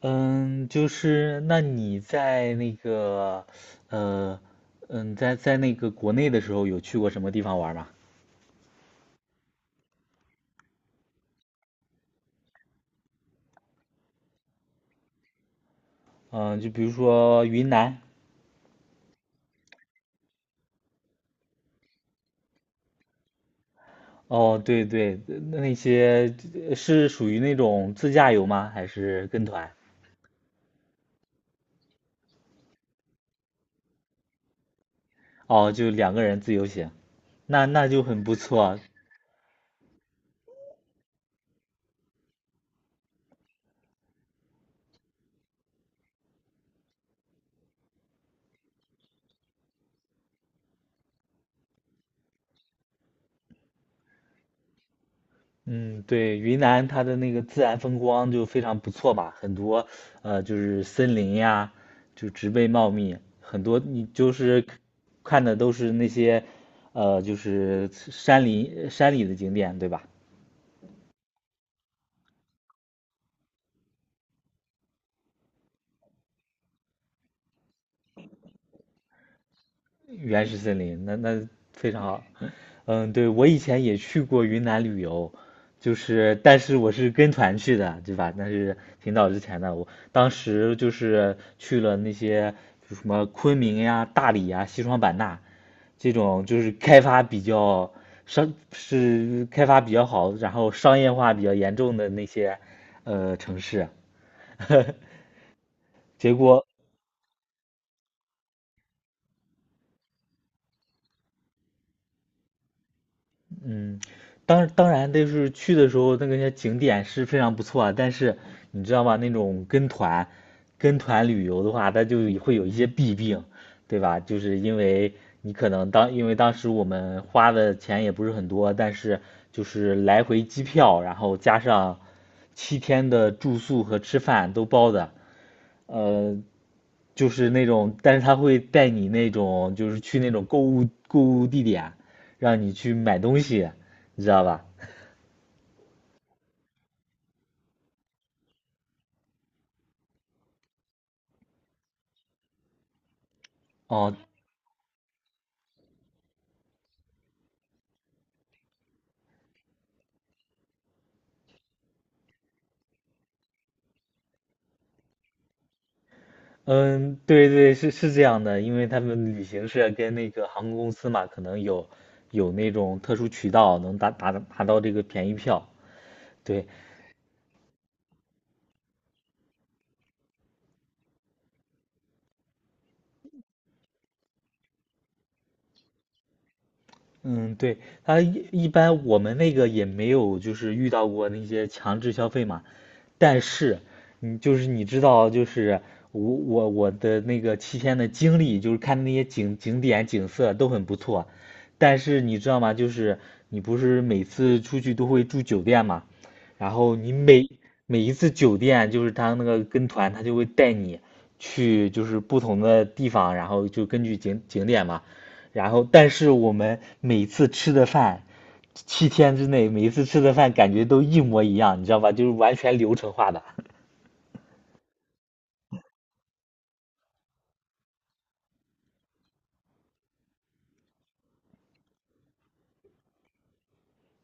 嗯，就是那你在那个，呃，嗯，在那个国内的时候，有去过什么地方玩吗？嗯，就比如说云南。哦，对对，那那些是属于那种自驾游吗？还是跟团？哦，就两个人自由行，那那就很不错。嗯，对，云南它的那个自然风光就非常不错吧，很多就是森林呀，就植被茂密，很多你就是看的都是那些就是山林山里的景点，对吧？原始森林，那那非常好。嗯，对，我以前也去过云南旅游，就是但是我是跟团去的，对吧？那是挺早之前的，我当时就是去了那些就什么昆明呀、大理呀、西双版纳这种，就是开发比较商是开发比较好，然后商业化比较严重的那些城市啊，结果嗯，当当然，就是去的时候那个些景点是非常不错啊，但是你知道吗？那种跟团旅游的话，它就会有一些弊病，对吧？就是因为你可能当因为当时我们花的钱也不是很多，但是就是来回机票，然后加上七天的住宿和吃饭都包的，呃，就是那种，但是他会带你那种，就是去那种购物地点，让你去买东西，你知道吧？哦，嗯，对对，是是这样的，因为他们旅行社跟那个航空公司嘛，可能有有那种特殊渠道能达达达到这个便宜票。对，嗯，对，他一般我们那个也没有就是遇到过那些强制消费嘛，但是你就是你知道，就是我的那个七天的经历，就是看那些景景点景色都很不错，但是你知道吗？就是你不是每次出去都会住酒店嘛，然后你每每一次酒店，就是他那个跟团，他就会带你去就是不同的地方，然后就根据景景点嘛，然后但是我们每次吃的饭七天之内，每一次吃的饭感觉都一模一样，你知道吧？就是完全流程化的。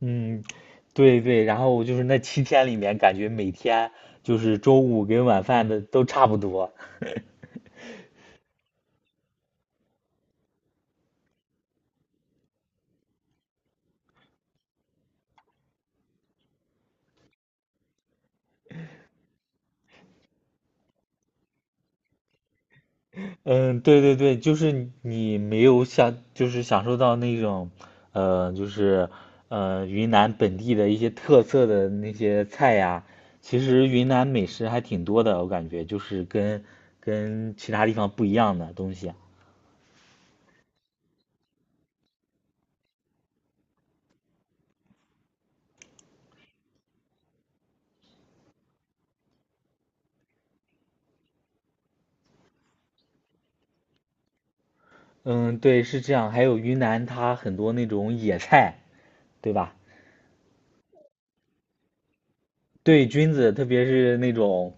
嗯，对对。然后就是那七天里面，感觉每天就是中午跟晚饭的都差不多。嗯，对对对，就是你没有享，就是享受到那种，就是云南本地的一些特色的那些菜呀。其实云南美食还挺多的，我感觉就是跟其他地方不一样的东西啊。嗯，对，是这样。还有云南，它很多那种野菜，对吧？对菌子，特别是那种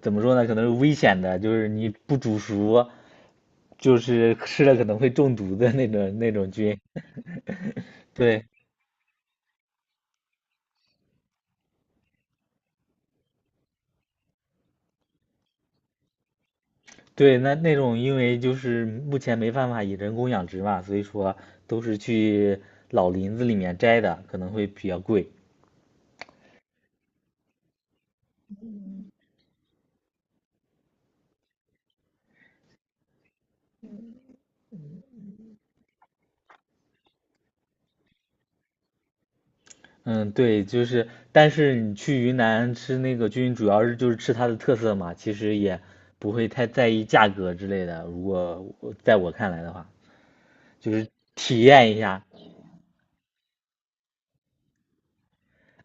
怎么说呢，可能是危险的，就是你不煮熟，就是吃了可能会中毒的那种菌。对对，那那种因为就是目前没办法以人工养殖嘛，所以说都是去老林子里面摘的，可能会比较贵。嗯，对，就是，但是你去云南吃那个菌，主要是就是吃它的特色嘛，其实也不会太在意价格之类的。如果我在我看来的话，就是体验一下，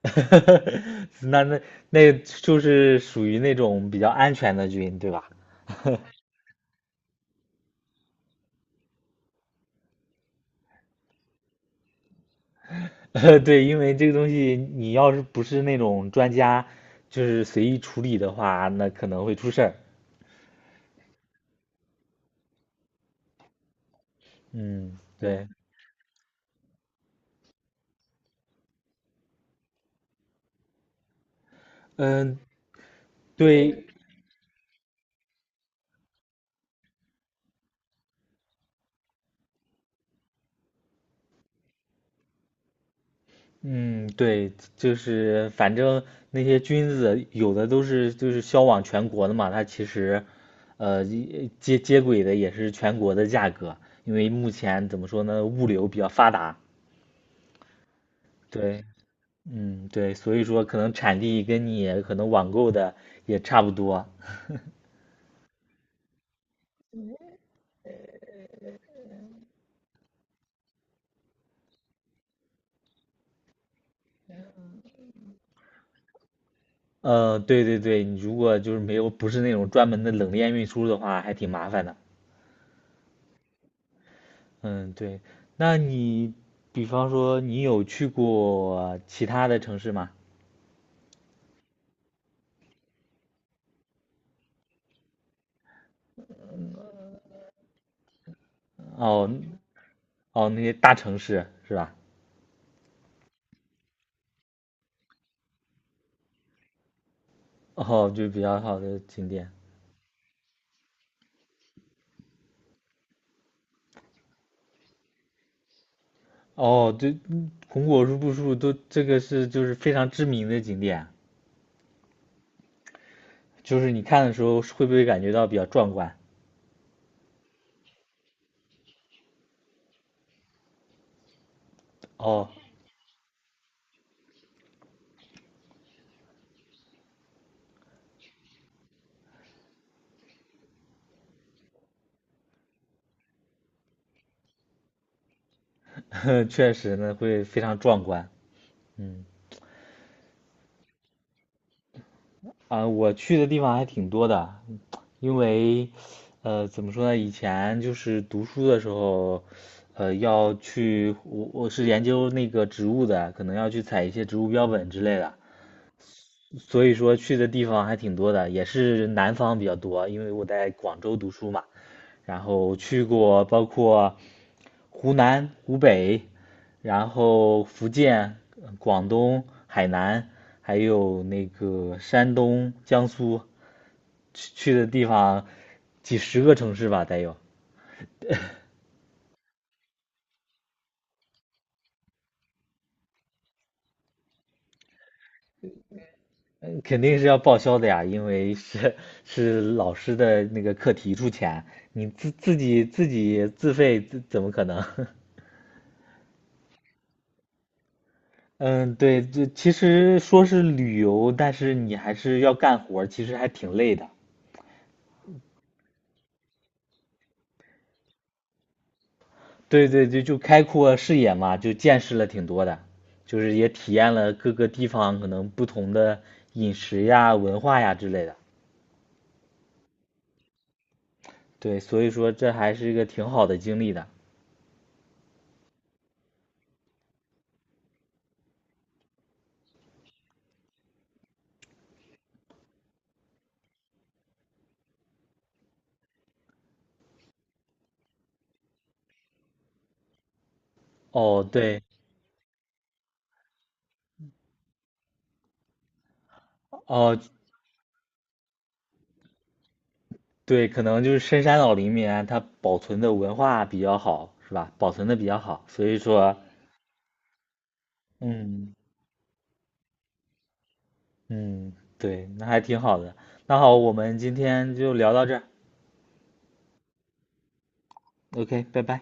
那那那就是属于那种比较安全的菌，对吧？对，因为这个东西你要是不是那种专家，就是随意处理的话，那可能会出事儿。嗯，对，嗯，对，嗯，对，就是反正那些菌子有的都是就是销往全国的嘛，它其实，一接接轨的也是全国的价格，因为目前怎么说呢，物流比较发达，对，嗯，对，所以说可能产地跟你可能网购的也差不多，对对对，你如果就是没有不是那种专门的冷链运输的话，还挺麻烦的，嗯，对，那你比方说你有去过其他的城市吗？哦哦，那些大城市是吧？哦，就比较好的景点。哦，对，嗯红果树、布树都这个是就是非常知名的景点，就是你看的时候会不会感觉到比较壮观？哦，确实呢，会非常壮观。嗯，啊，我去的地方还挺多的，因为，呃，怎么说呢？以前就是读书的时候，要去我是研究那个植物的，可能要去采一些植物标本之类的。所以说去的地方还挺多的，也是南方比较多，因为我在广州读书嘛，然后去过包括湖南、湖北，然后福建、广东、海南，还有那个山东、江苏，去去的地方几十个城市吧，得有。嗯肯定是要报销的呀，因为是老师的那个课题出钱，你自己自费，怎么可能？嗯，对，这其实说是旅游，但是你还是要干活儿其实还挺累的。对对对，就开阔视野嘛，就见识了挺多的，就是也体验了各个地方可能不同的饮食呀、文化呀之类的。对，所以说这还是一个挺好的经历的。哦，对，哦，对，可能就是深山老林里面它保存的文化比较好，是吧？保存的比较好，所以说，嗯。嗯，对，那还挺好的。那好，我们今天就聊到这儿。OK，拜拜。